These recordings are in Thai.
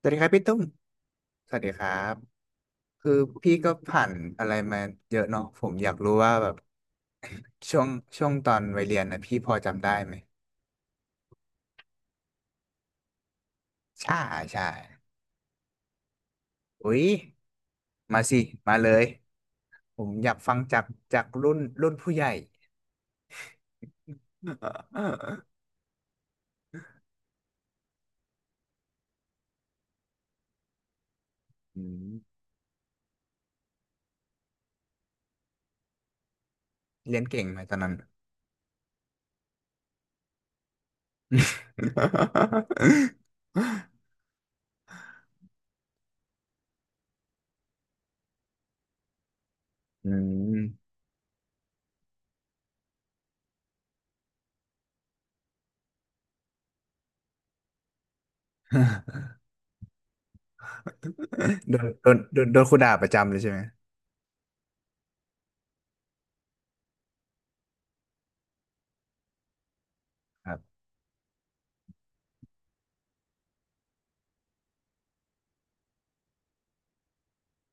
สวัสดีครับพี่ตุ้มสวัสดีครับคือพี่ก็ผ่านอะไรมาเยอะเนาะผมอยากรู้ว่าแบบช่วงช่วงตอนวัยเรียนนะพี่พอจำได้ไหมใช่ใช่อุ๊ยมาสิมาเลย ผมอยากฟังจากรุ่นผู้ใหญ่อืมเรียนเก่งไหมตอนนั้น อืมโดนครูด่าประจำเลยใช่ไหมครับ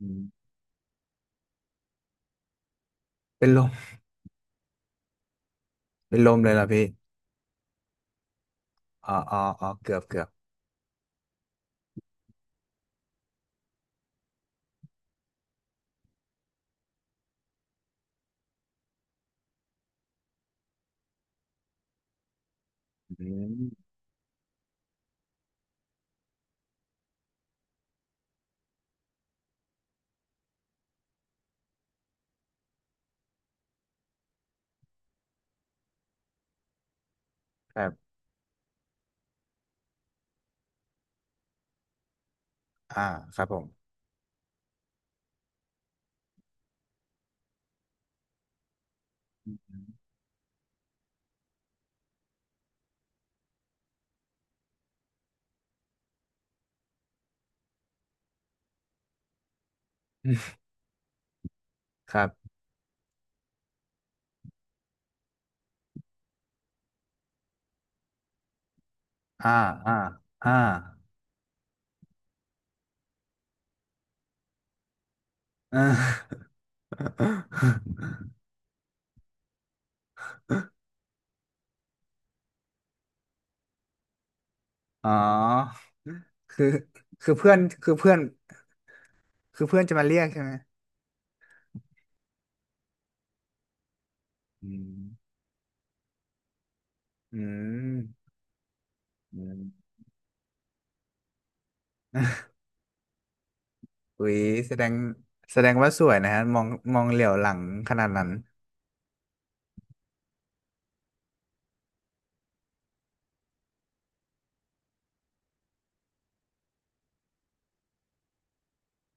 อืมเป็นลมเป็นลมเลยเหรอพี่อ๋ออ๋ออ๋อเกือบเกือบ อืมครับอ่าครับผมครับอ่าอ่าอ่า อ่าอ๋อคือเพื่อนคือเพื่อนจะมาเรียกใช่ไหมอืมอืมอืมอุ๊ยแสดงแสดงว่าสวยนะฮะมองมองเหลียวหลังขนาดนั้น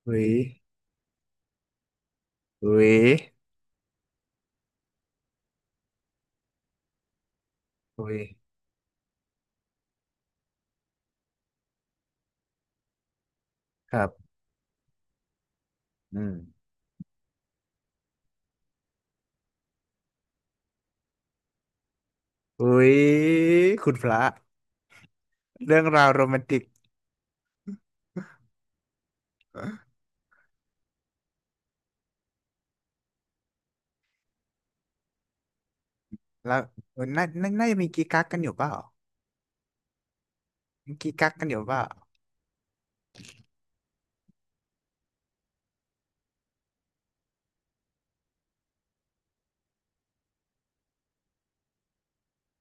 อุ๊ยอุ๊ยอุ๊ยครับอืมอุ๊ยคุณพระเรื่องราวโรแมนติกแล้วน่าจะมีกิ๊กกักกันอยู่เปล่า กิ๊กักกันอยู่า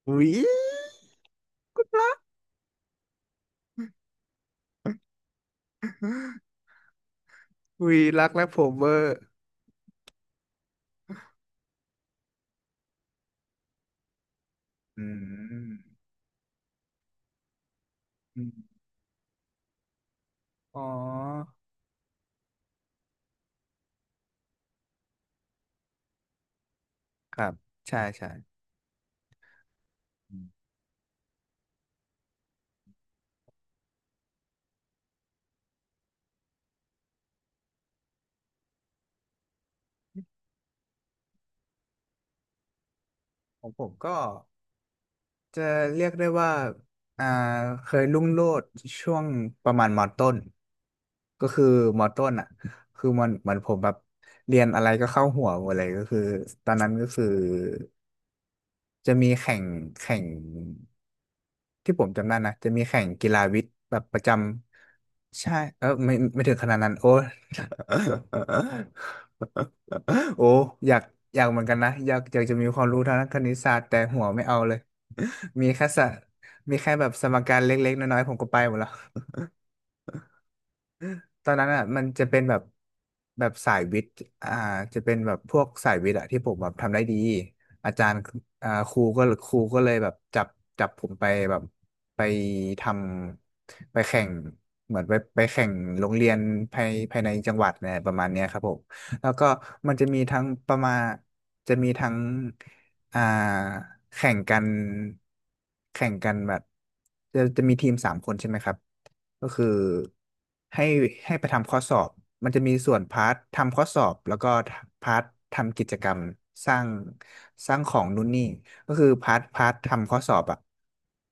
ปุ่าวิวิรักและผมเวอร์อืมอืมอ๋อครับใช่ใช่อืมของผมก็จะเรียกได้ว่าอ่าเคยรุ่งโรจน์ช่วงประมาณมต้นก็คือมต้นอ่ะคือมันเหมือนผมแบบเรียนอะไรก็เข้าหัวหมดเลยก็คือตอนนั้นก็คือจะมีแข่ง ที่ผมจำได้นะจะมีแข่งกีฬาวิทย์แบบประจำใช่เออไม่ถึงขนาดนั้นโอ้ โอ้อยากอยากเหมือนกันนะอยากอยากจะมีความรู้ทางด้านคณิตศาสตร์แต่หัวไม่เอาเลยมีแค่สะมีแค่แบบสมการเล็กๆน้อยๆผมก็ไปหมดแล้ว ตอนนั้นอ่ะมันจะเป็นแบบสายวิทย์อ่าจะเป็นแบบพวกสายวิทย์อ่ะที่ผมแบบทำได้ดีอาจารย์อ่าครูก็เลยแบบจับจับผมไปแบบไปทำไปแข่งเหมือนไปแข่งโรงเรียนภายในจังหวัดเนี่ยประมาณเนี้ยครับผมแล้วก็มันจะมีทั้งประมาณจะมีทั้ง อ่าแข่งกันแข่งกันแบบจะมีทีมสามคนใช่ไหมครับก็คือให้ให้ไปทำข้อสอบมันจะมีส่วนพาร์ททำข้อสอบแล้วก็พาร์ททำกิจกรรมสร้างสร้างของนู่นนี่ก็คือพาร์ททำข้อสอบอ่ะ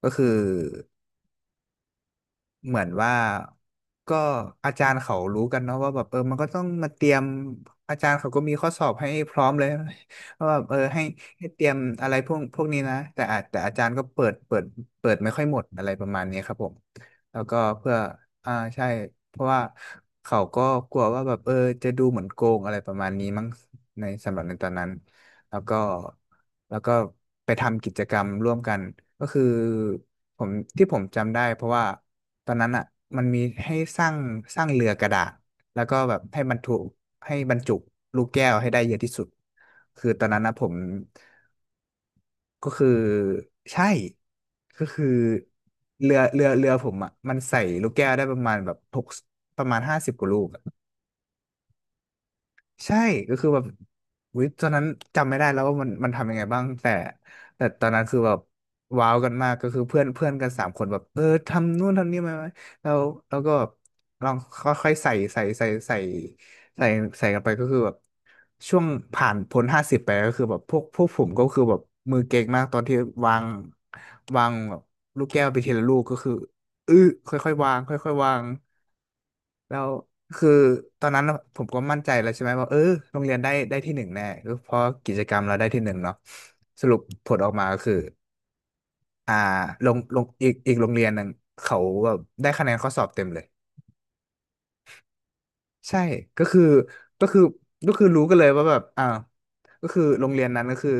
ก็คือ เหมือนว่าก็อาจารย์เขารู้กันเนาะว่าแบบเออมันก็ต้องมาเตรียมอาจารย์เขาก็มีข้อสอบให้พร้อมเลย ว่าแบบเออให้เตรียมอะไรพวกพวกนี้นะแต่อาจารย์ก็เปิดไม่ค่อยหมดอะไรประมาณนี้ครับผมแล้วก็เพื่ออ่าใช่เพราะว่าเขาก็กลัวว่าแบบเออจะดูเหมือนโกงอะไรประมาณนี้มั้งในสำหรับในตอนนั้นแล้วก็ แล้วก็ไปทำกิจกรรมร่วมกันก็คือผมที่ผมจำได้เพราะว่าตอนนั้นอ่ะมันมีให้สร้างสร้างเรือกระดาษแล้วก็แบบให้บรรทุกให้บรรจุลูกแก้วให้ได้เยอะที่สุดคือตอนนั้นนะผมก็คือใช่ก็คือเรือผมอ่ะมันใส่ลูกแก้วได้ประมาณแบบประมาณห้าสิบกว่าลูก ใช่ก็คือแบบวิตอนนั้นจำไม่ได้แล้วว่ามันทำยังไงบ้างแต่แต่ตอนนั้นคือแบบว้าวกันมากก็คือเพื่อนเพื่อนกันสามคนแบบเออทำนู่นทำนี่มาไหมแล้วแล้วก็แบบลองค่อยๆใส่ใส่กันไปก็คือแบบช่วงผ่านพ้นห้าสิบไปก็คือแบบพวกผมก็คือแบบมือเก่งมากตอนที่วางวางแบบลูกแก้วไปทีละลูกก็คืออื้อค่อยๆวางค่อยๆวาง แล้วคือตอนนั้นผมก็มั่นใจแล้วใช่ไหมว่าเออโรงเรียนได้ที่หนึ่งแน่ก็เพราะกิจกรรมเราได้ที่หนึ่งเนาะสรุปผลออกมาก็คืออ่าลงอีกโรงเรียนหนึ่งเขาแบบได้คะแนนข้อสอบเต็มเลยใช่ก็คือก็คือก็คือรู้กันเลยว่าแบบอ่าวก็คือโรงเรียนนั้นก็คือ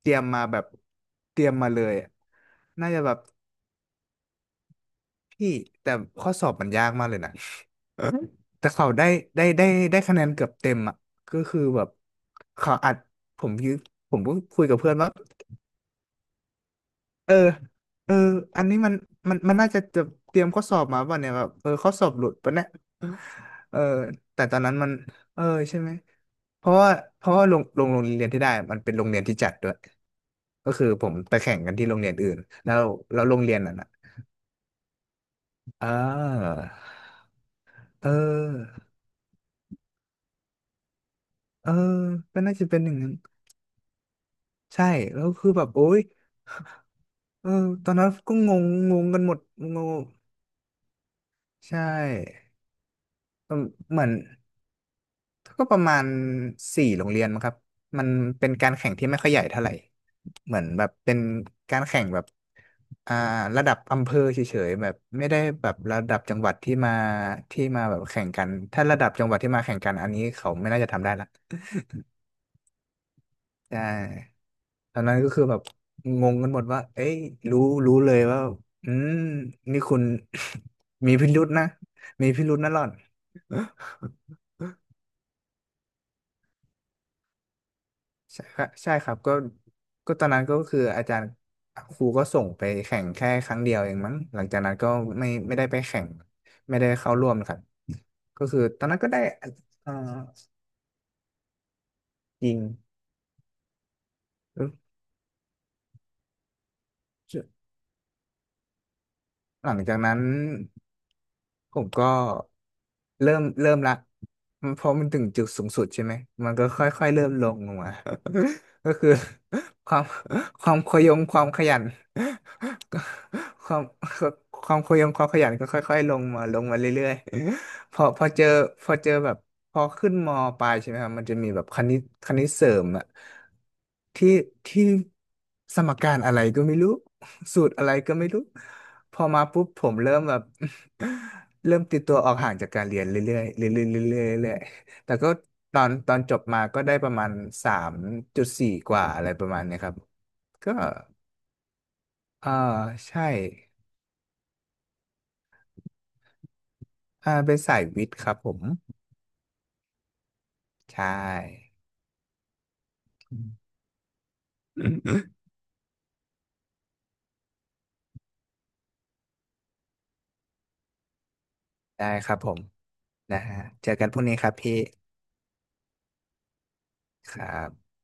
เตรียมมาแบบเตรียมมาเลยอะน่าจะแบบพี่แต่ข้อสอบมันยากมากเลยนะ แต่เขาได้ได้ได้ได้คะแนนเกือบเต็มอ่ะก็คือแบบเขาอัดผมยืผมก็คุยกับเพื่อนว่าเออเอออันนี้มันน่าจะเตรียมข้อสอบมาป่ะเนี่ยแบบเออข้อสอบหลุดป่ะเนี่ยเออแต่ตอนนั้นมันเออใช่ไหมเพราะว่าโรงเรียนที่ได้มันเป็นโรงเรียนที่จัดด้วยก็คือผมไปแข่งกันที่โรงเรียนอื่นแล้วแล้วโรงเรียนนั้นอ่ะเออเออเออก็น่าจะเป็นอย่างนั้นใช่แล้วคือแบบโอ๊ย เออตอนนั้นก็งงงงกันหมดงงใช่ประเหมือนก็ประมาณสี่โรงเรียนมั้งครับมันเป็นการแข่งที่ไม่ค่อยใหญ่เท่าไหร่เหมือนแบบเป็นการแข่งแบบอ่าระดับอำเภอเฉยๆแบบไม่ได้แบบระดับจังหวัดที่มาแบบแข่งกันถ้าระดับจังหวัดที่มาแข่งกันอันนี้เขาไม่น่าจะทำได้ละ ใช่ตอนนั้นก็คือแบบงงกันหมดว่าเอ้ยรู้รู้เลยว่าอืมนี่คุณ มีพิรุธนะมีพิรุธนะหล่อน ใช่ครับใช่ครับก็ตอนนั้นก็คืออาจารย์ครูก็ส่งไปแข่งแค่ครั้งเดียวเองมั้งหลังจากนั้นก็ไม่ได้ไปแข่งไม่ได้เข้าร่วมครับก็คือตอนนั้นก็ได้เอ่อจริง หลังจากนั้นผมก็เริ่มละเพราะมันถึงจุดสูงสุดใช่ไหมมันก็ค่อยๆเริ่มลงมา ก็คือความความขยงความขยัน ก็ความความขยงความขยันก็ค่อยๆลงมาลงมาเรื่อยๆ พอเจอแบบพอขึ้นมปลายใช่ไหมครับมันจะมีแบบคณิตคณิตเสริมอะที่ที่สมการอะไรก็ไม่รู้สูตรอะไรก็ไม่รู้ พอมาปุ๊บผมเริ่มแบบ เริ่มติดตัวออกห่างจากการเรียนเรื่อยๆเรื่อยๆเรื่อยๆเรื่อยๆแต่ก็ตอนจบมาก็ได้ประมาณ3.4กว่าอะไรประมาณเนี้ยครับก็เออใช่อ่าเป็นสายวิทย์ครับผมใช่ได้ครับผมนะฮะเจอกันพรุ่งนี้ครับพี่ครับ